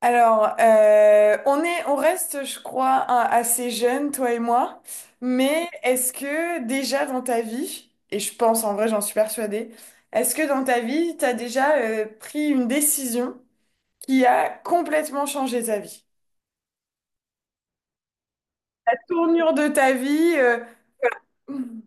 Alors, on est, on reste, je crois, assez jeunes, toi et moi. Mais est-ce que déjà dans ta vie, et je pense en vrai, j'en suis persuadée, est-ce que dans ta vie, t'as déjà pris une décision qui a complètement changé ta vie? La tournure de ta vie,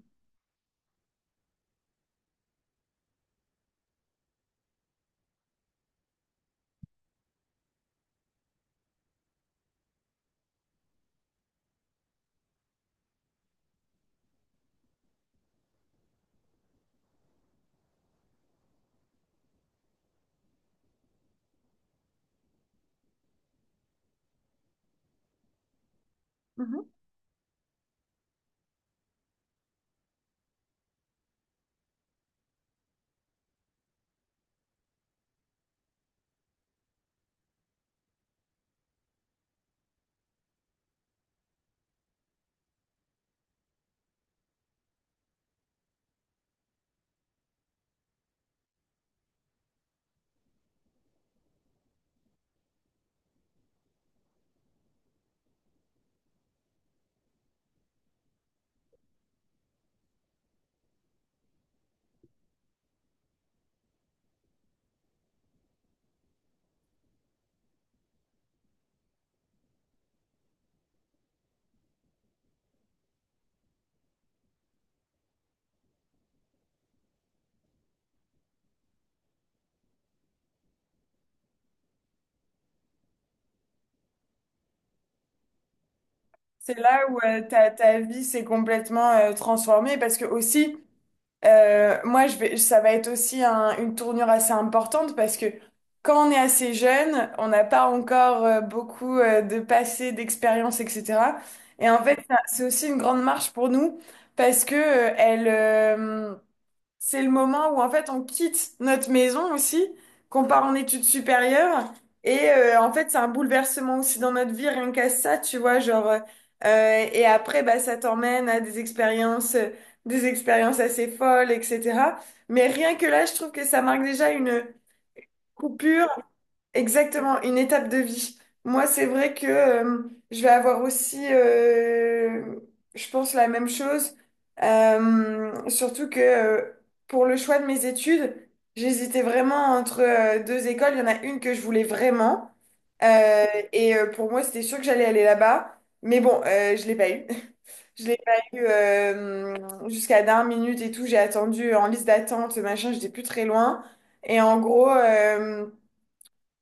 Mhm. C'est là où ta, ta vie s'est complètement transformée parce que aussi. Moi, je vais, ça va être aussi une tournure assez importante parce que quand on est assez jeune, on n'a pas encore beaucoup de passé, d'expérience, etc. Et en fait, c'est aussi une grande marche pour nous parce que elle, c'est le moment où en fait on quitte notre maison aussi, qu'on part en études supérieures. Et en fait, c'est un bouleversement aussi dans notre vie, rien qu'à ça, tu vois, genre. Et après, bah, ça t'emmène à des expériences assez folles, etc. Mais rien que là, je trouve que ça marque déjà une coupure. Exactement, une étape de vie. Moi, c'est vrai que je vais avoir aussi, je pense, la même chose. Surtout que pour le choix de mes études, j'hésitais vraiment entre deux écoles. Il y en a une que je voulais vraiment. Euh, pour moi, c'était sûr que j'allais aller là-bas. Mais bon, je l'ai pas eu. Je l'ai pas eu jusqu'à dernière minute et tout. J'ai attendu en liste d'attente, machin, j'étais plus très loin. Et en gros... euh,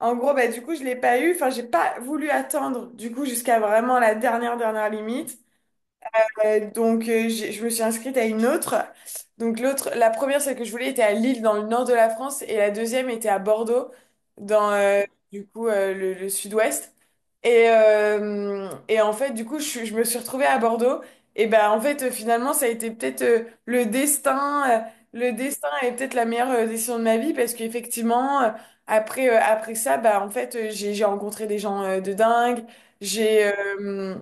Bah, du coup, je l'ai pas eu. Enfin, j'ai pas voulu attendre, du coup, jusqu'à vraiment la dernière limite. Donc, je me suis inscrite à une autre. Donc, l'autre, la première, celle que je voulais, était à Lille, dans le nord de la France, et la deuxième était à Bordeaux, dans du coup le sud-ouest. Et en fait, du coup, je me suis retrouvée à Bordeaux. Et ben, en fait, finalement, ça a été peut-être le destin. Le destin est peut-être la meilleure décision de ma vie parce qu'effectivement, après, après ça, bah, en fait, j'ai rencontré des gens de dingue. J'ai. euh,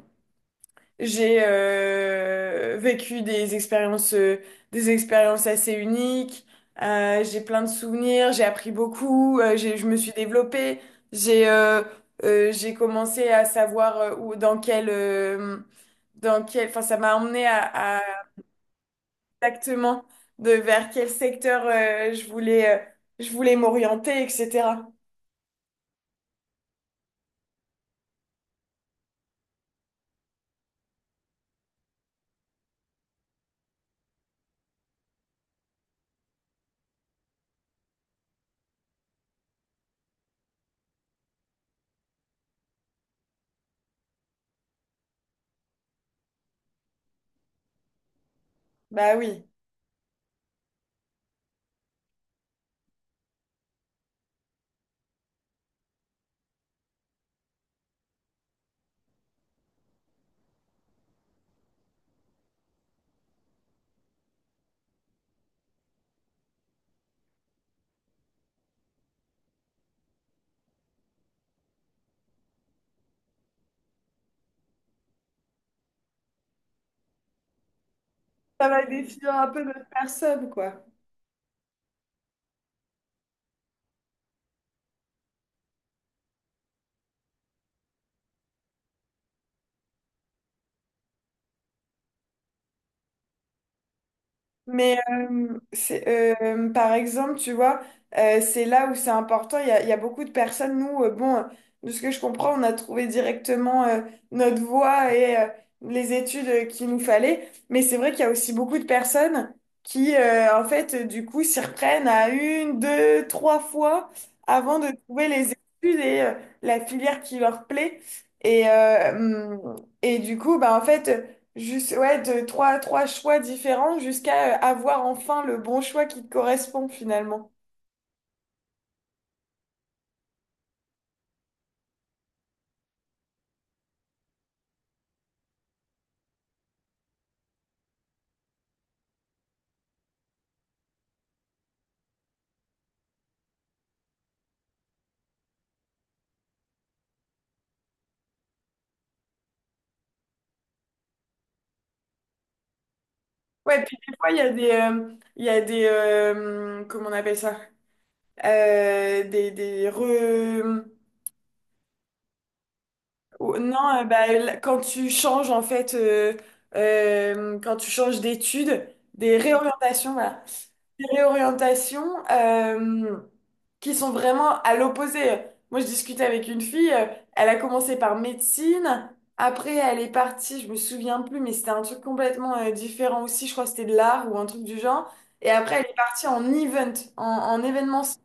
j'ai vécu des expériences assez uniques. J'ai plein de souvenirs. J'ai appris beaucoup. Je me suis développée. J'ai euh, j'ai commencé à savoir où, dans quel, enfin, ça m'a emmené à exactement de vers quel secteur je voulais m'orienter, etc. Bah oui. Ça va définir un peu notre personne, quoi. Mais par exemple, tu vois, c'est là où c'est important. Il y a beaucoup de personnes, nous, bon, de ce que je comprends, on a trouvé directement notre voie et les études qu'il nous fallait. Mais c'est vrai qu'il y a aussi beaucoup de personnes qui, en fait, du coup, s'y reprennent à une, deux, trois fois avant de trouver les études et la filière qui leur plaît. Et, euh, hum, et du coup, bah, en fait. Juste, ouais, de trois choix différents jusqu'à avoir enfin le bon choix qui te correspond finalement. Ouais, puis des fois, il y a des comment on appelle ça? Des re... Non, bah, quand tu changes en fait, quand tu changes d'études, des réorientations, voilà. Des réorientations euh, qui sont vraiment à l'opposé. Moi, je discutais avec une fille, elle a commencé par médecine, après elle est partie, je me souviens plus, mais c'était un truc complètement différent aussi, je crois que c'était de l'art ou un truc du genre, et après elle est partie en event, en événementiel.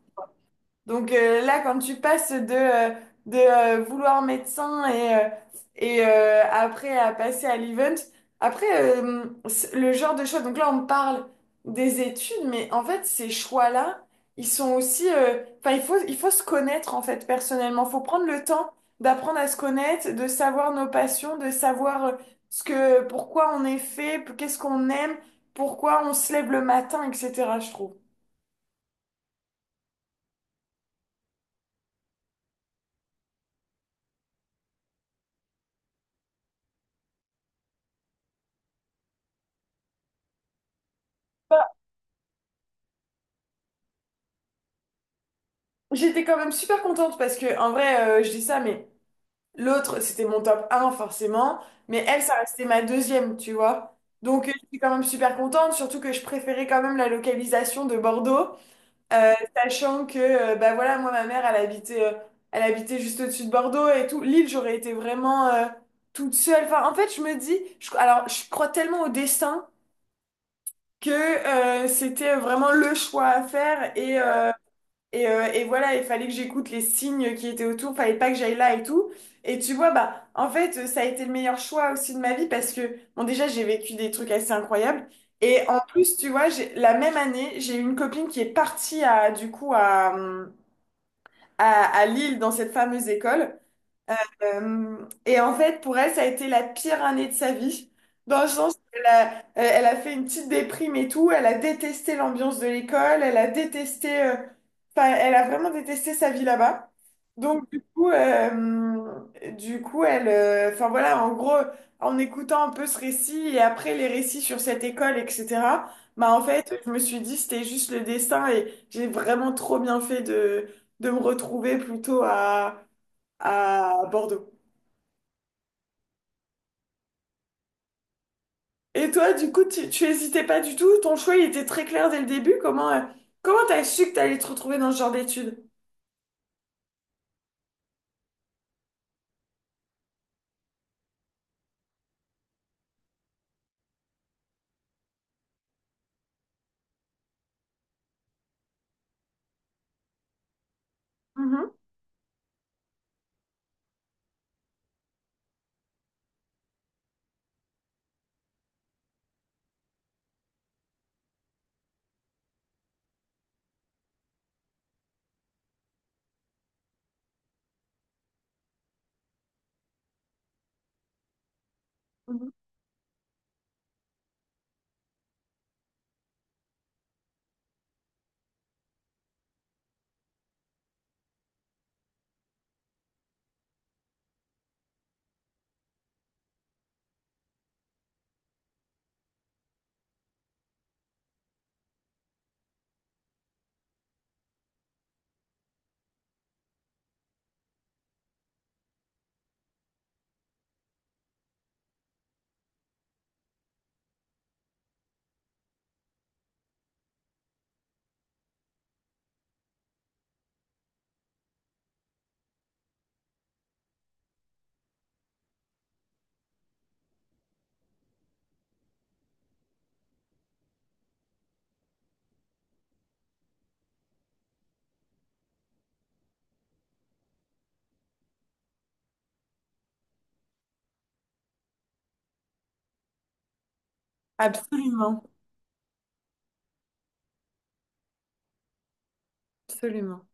Donc là, quand tu passes de vouloir médecin et, après à passer à l'event, après c'est le genre de choix, donc là on parle des études, mais en fait ces choix-là, ils sont aussi, enfin il faut se connaître en fait personnellement, il faut prendre le temps d'apprendre à se connaître, de savoir nos passions, de savoir ce que, pourquoi on est fait, qu'est-ce qu'on aime, pourquoi on se lève le matin, etc. Je trouve. J'étais quand même super contente parce que, en vrai, je dis ça, mais l'autre, c'était mon top 1 forcément, mais elle, ça restait ma deuxième, tu vois. Donc, j'étais quand même super contente, surtout que je préférais quand même la localisation de Bordeaux, sachant que, bah voilà, moi, ma mère, elle habitait juste au-dessus de Bordeaux et tout. L'île, j'aurais été vraiment toute seule. Enfin, en fait, je me dis, alors, je crois tellement au destin que c'était vraiment le choix à faire et. Et, et voilà, il fallait que j'écoute les signes qui étaient autour, fallait pas que j'aille là et tout. Et tu vois, bah, en fait, ça a été le meilleur choix aussi de ma vie parce que, bon, déjà, j'ai vécu des trucs assez incroyables. Et en plus, tu vois, j'ai, la même année, j'ai eu une copine qui est partie du coup, à Lille dans cette fameuse école. Euh, et en fait, pour elle, ça a été la pire année de sa vie, dans le sens qu'elle a, elle a fait une petite déprime et tout, elle a détesté l'ambiance de l'école, elle a détesté, enfin, elle a vraiment détesté sa vie là-bas. Donc, du coup, elle, enfin voilà, en gros, en écoutant un peu ce récit et après les récits sur cette école, etc., bah en fait, je me suis dit, c'était juste le destin et j'ai vraiment trop bien fait de me retrouver plutôt à Bordeaux. Et toi, du coup, tu hésitais pas du tout? Ton choix, il était très clair dès le début. Comment, comment t'as su que t'allais te retrouver dans ce genre d'études? Mhm, mhm. Absolument, absolument.